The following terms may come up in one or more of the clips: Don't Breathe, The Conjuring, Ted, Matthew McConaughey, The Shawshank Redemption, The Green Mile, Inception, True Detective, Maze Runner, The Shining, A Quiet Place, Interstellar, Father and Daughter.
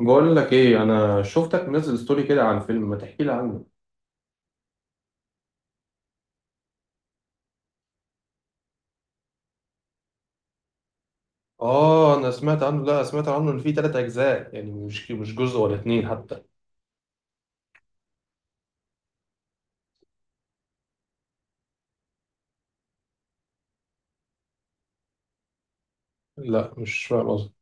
بقول لك ايه، انا شفتك منزل ستوري كده عن فيلم، ما تحكي لي عنه؟ اه، انا سمعت عنه، لا سمعت عنه ان فيه 3 اجزاء، يعني مش جزء ولا اتنين حتى. لا، مش فاهم قصدي.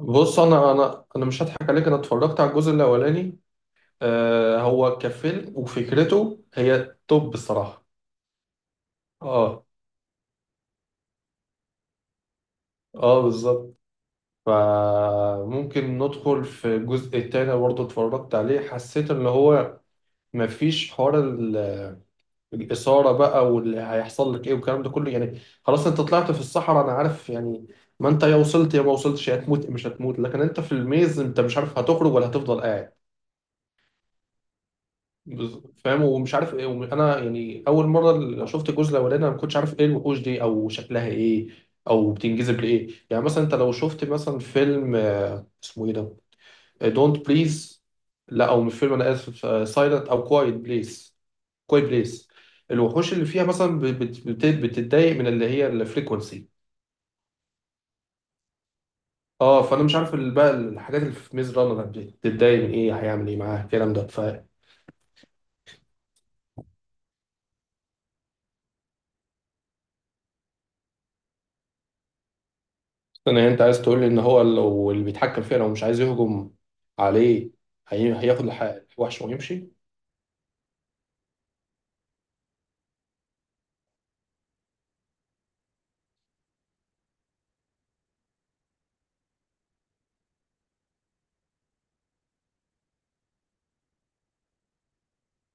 بص، انا مش هضحك عليك، انا اتفرجت على الجزء الاولاني. هو كفيلم وفكرته هي توب بصراحة. اه، اه، بالظبط. فممكن ندخل في الجزء التاني، برضه اتفرجت عليه، حسيت ان هو مفيش حوار. الاثاره بقى واللي هيحصل لك ايه والكلام ده كله، يعني خلاص انت طلعت في الصحراء، انا عارف يعني. ما انت يا وصلت يا ما وصلتش، يا هتموت مش هتموت، لكن انت في الميز انت مش عارف هتخرج ولا هتفضل قاعد. فاهم ومش عارف ايه انا يعني اول مره اللي شفت الجزء الاولاني انا ما كنتش عارف ايه الوحوش دي او شكلها ايه، او بتنجذب لايه. يعني مثلا انت لو شفت مثلا فيلم اسمه ايه ده، دونت بليز، لا او مش فيلم، انا اسف، سايلنت او كوايت بليز، كوي بليس، الوحوش اللي فيها مثلا بتتضايق من اللي هي الفريكونسي. اه، فانا مش عارف بقى الحاجات اللي في ميز رانر بتتضايق من ايه، هيعمل ايه معاها الكلام ده، فانا انت عايز تقول لي ان هو لو اللي بيتحكم فيها لو مش عايز يهجم عليه هياخد الوحش ويمشي؟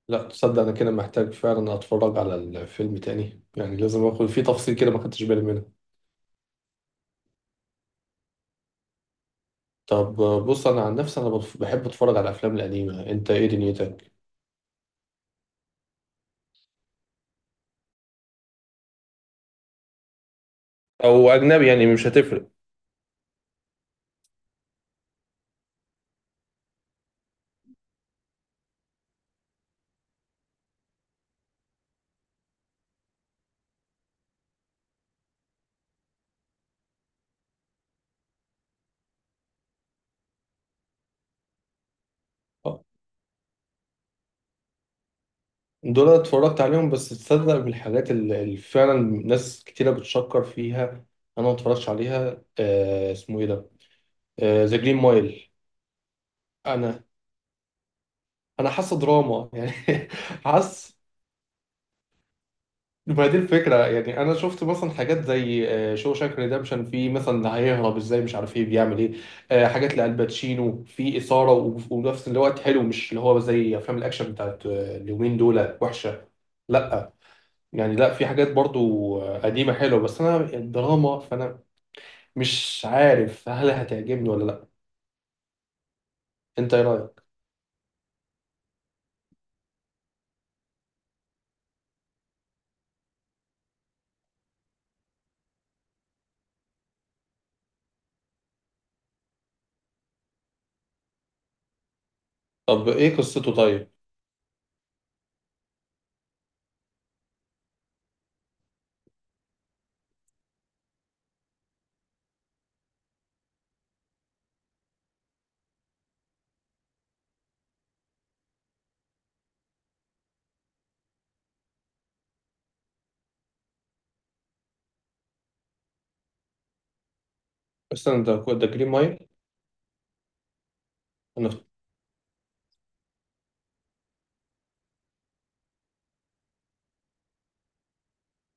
لا تصدق، انا كده محتاج فعلا اتفرج على الفيلم تاني، يعني لازم اخد فيه تفصيل كده، ما خدتش بالي منه. طب بص انا عن نفسي انا بحب اتفرج على الافلام القديمه، انت ايه دنيتك؟ او اجنبي، يعني مش هتفرق. دول أنا اتفرجت عليهم، بس تصدق من الحاجات اللي فعلا ناس كتيرة بتشكر فيها انا ما اتفرجتش عليها، اسمه ايه ده، ذا جرين مايل. انا انا حاسه دراما يعني. حاسس. ما دي الفكره، يعني انا شفت مثلا حاجات زي شو شاك ريدمشن، في مثلا هيهرب ازاي مش عارف ايه بيعمل ايه، حاجات لالباتشينو، في اثاره ونفس الوقت حلو، مش اللي هو زي افلام الاكشن بتاعت اليومين دول وحشه. لا. يعني لا، في حاجات برضو قديمة حلوة، بس أنا الدراما، فأنا مش عارف هل هتعجبني ولا لأ. أنت إيه رأيك؟ طب إيه قصته طيب؟ استنى، ده جرين مايل؟ أنا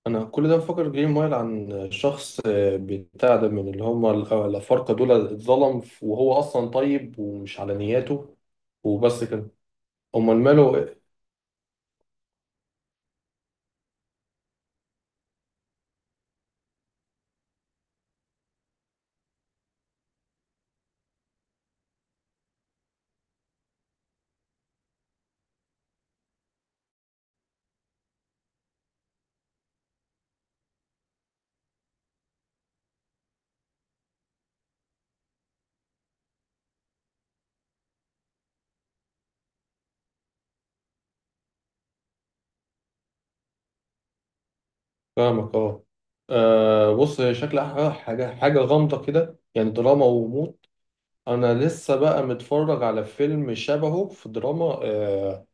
أنا كل ده بفكر جرين مايل عن شخص بتاع ده من اللي هم الأفارقة دول، اتظلم وهو أصلا طيب ومش على نياته. وبس كده. أمال ماله إيه؟ فاهمك أه. بص، شكلها حاجة حاجة غامضة كده، يعني دراما وموت. انا لسه بقى متفرج على فيلم شبهه في دراما،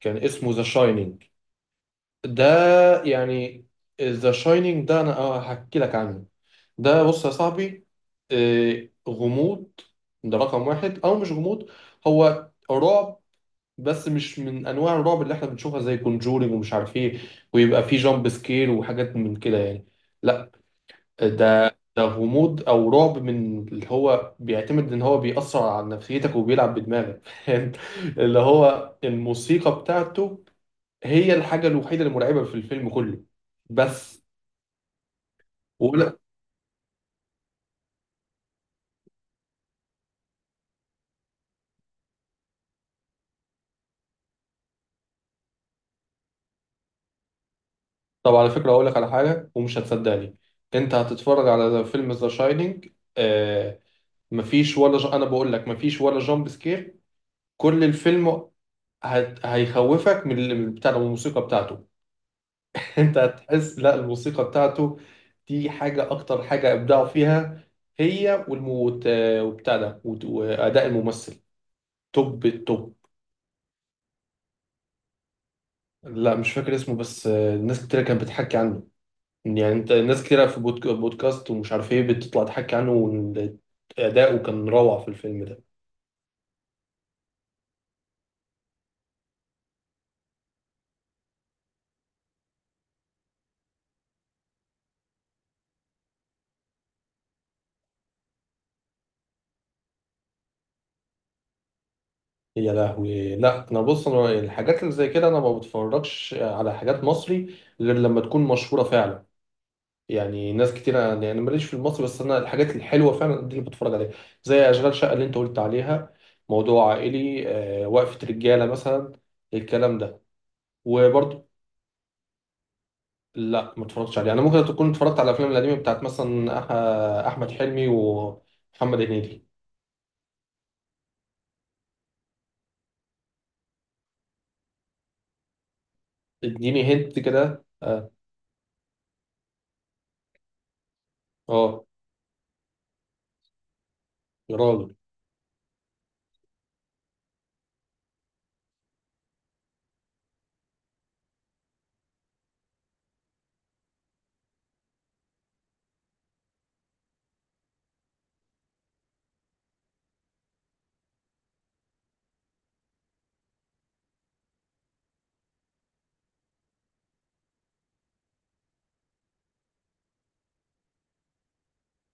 كان اسمه ذا شاينينج ده. يعني ذا شاينينج ده انا هحكي لك عنه. ده بص يا صاحبي، غموض. ده رقم 1، او مش غموض، هو رعب. بس مش من انواع الرعب اللي احنا بنشوفها زي كونجورينج ومش عارف ايه ويبقى فيه جامب سكير وحاجات من كده يعني. لا. ده غموض او رعب من اللي هو بيعتمد ان هو بيأثر على نفسيتك وبيلعب بدماغك، فاهم. اللي هو الموسيقى بتاعته هي الحاجة الوحيدة المرعبة في الفيلم كله، بس. ولا. طب على فكرة، اقول لك على حاجة ومش هتصدقني، انت هتتفرج على فيلم ذا شاينينج، آه. انا بقول لك مفيش ولا جامب سكير. كل الفيلم، هيخوفك من بتاع الموسيقى بتاعته. انت هتحس، لا الموسيقى بتاعته دي حاجة، اكتر حاجة ابدعوا فيها، هي والموت وبتاع ده واداء الممثل توب التوب. لا مش فاكر اسمه، بس ناس كتير كانت بتحكي عنه، يعني انت، ناس كتير في بودكاست ومش عارف ايه بتطلع تحكي عنه، وإن اداؤه كان روعة في الفيلم ده. يا لهوي، لا انا بص، انا الحاجات اللي زي كده انا ما بتفرجش على حاجات مصري غير لما تكون مشهورة فعلا. يعني ناس كتير، يعني أنا يعني ماليش في المصري، بس انا الحاجات الحلوه فعلا دي اللي بتفرج عليها، زي اشغال شقه اللي انت قلت عليها، موضوع عائلي وقفه رجاله مثلا، الكلام ده. وبرضه لا ما اتفرجتش عليه، انا ممكن تكون اتفرجت على الافلام القديمه بتاعت مثلا احمد حلمي ومحمد هنيدي. اديني هنت كده اه. آه، يا راجل.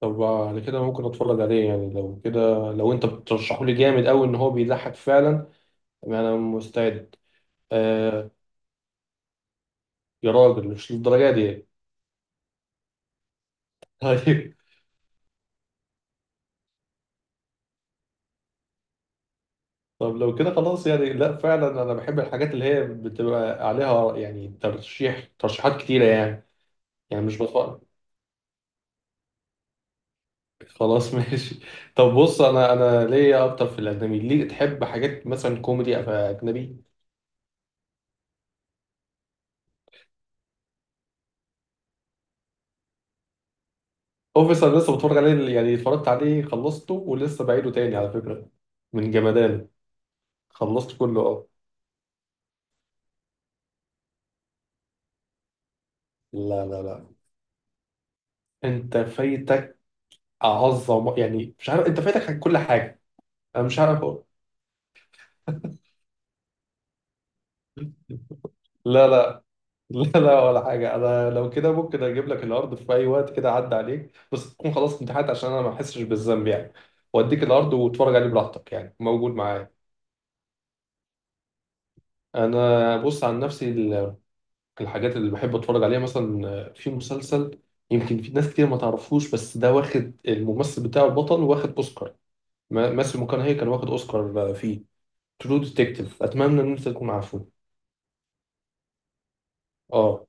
طب على كده ممكن اتفرج عليه، يعني لو كده لو انت بترشحه لي جامد قوي ان هو بيضحك فعلا، يعني انا مستعد. آه، يا راجل مش للدرجه دي. طيب. طب لو كده خلاص، يعني لا فعلا انا بحب الحاجات اللي هي بتبقى عليها، يعني ترشيحات كتيره يعني. يعني مش بتفرج خلاص. ماشي. طب بص، انا ليا اكتر في الاجنبي، ليه تحب حاجات مثلا كوميدي أو اجنبي؟ اوفيس، انا لسه بتفرج عليه، يعني اتفرجت عليه خلصته ولسه بعيده تاني على فكره من جمدانه. خلصت كله اه. لا، لا، لا. انت فايتك اعظم، يعني مش عارف، انت فايتك كل حاجه. انا مش عارف أقول. لا، لا، لا، لا ولا حاجة. أنا لو كده ممكن أجيب لك الأرض في أي وقت كده عدى عليك، بس تكون خلاص امتحنت عشان أنا ما أحسش بالذنب يعني. وأديك الأرض واتفرج عليه براحتك، يعني موجود معايا. أنا بص، عن نفسي الحاجات اللي بحب أتفرج عليها، مثلا في مسلسل يمكن في ناس كتير ما تعرفوش، بس ده واخد، الممثل بتاعه البطل واخد أوسكار. ماسيو ماكونهي كان واخد أوسكار فيه. ترو ديتكتيف، أتمنى إن أنت تكون عارفه. آه.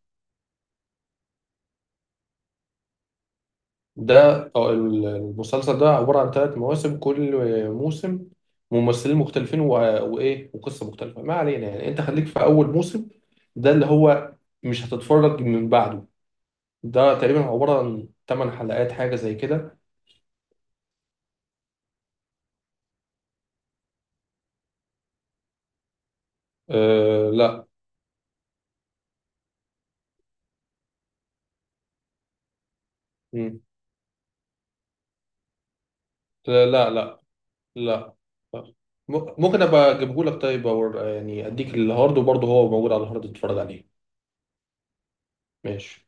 ده أو المسلسل ده عبارة عن 3 مواسم، كل موسم ممثلين مختلفين وإيه وقصة مختلفة، ما علينا يعني، أنت خليك في أول موسم، ده اللي هو مش هتتفرج من بعده. ده تقريبا عبارة عن 8 حلقات، حاجة زي كده. أه لا. مم. لا، لا، لا. لا، لا. ممكن أبقى أجيبهولك طيب، أو يعني أديك الهارد وبرضه هو موجود على الهارد تتفرج عليه. ماشي.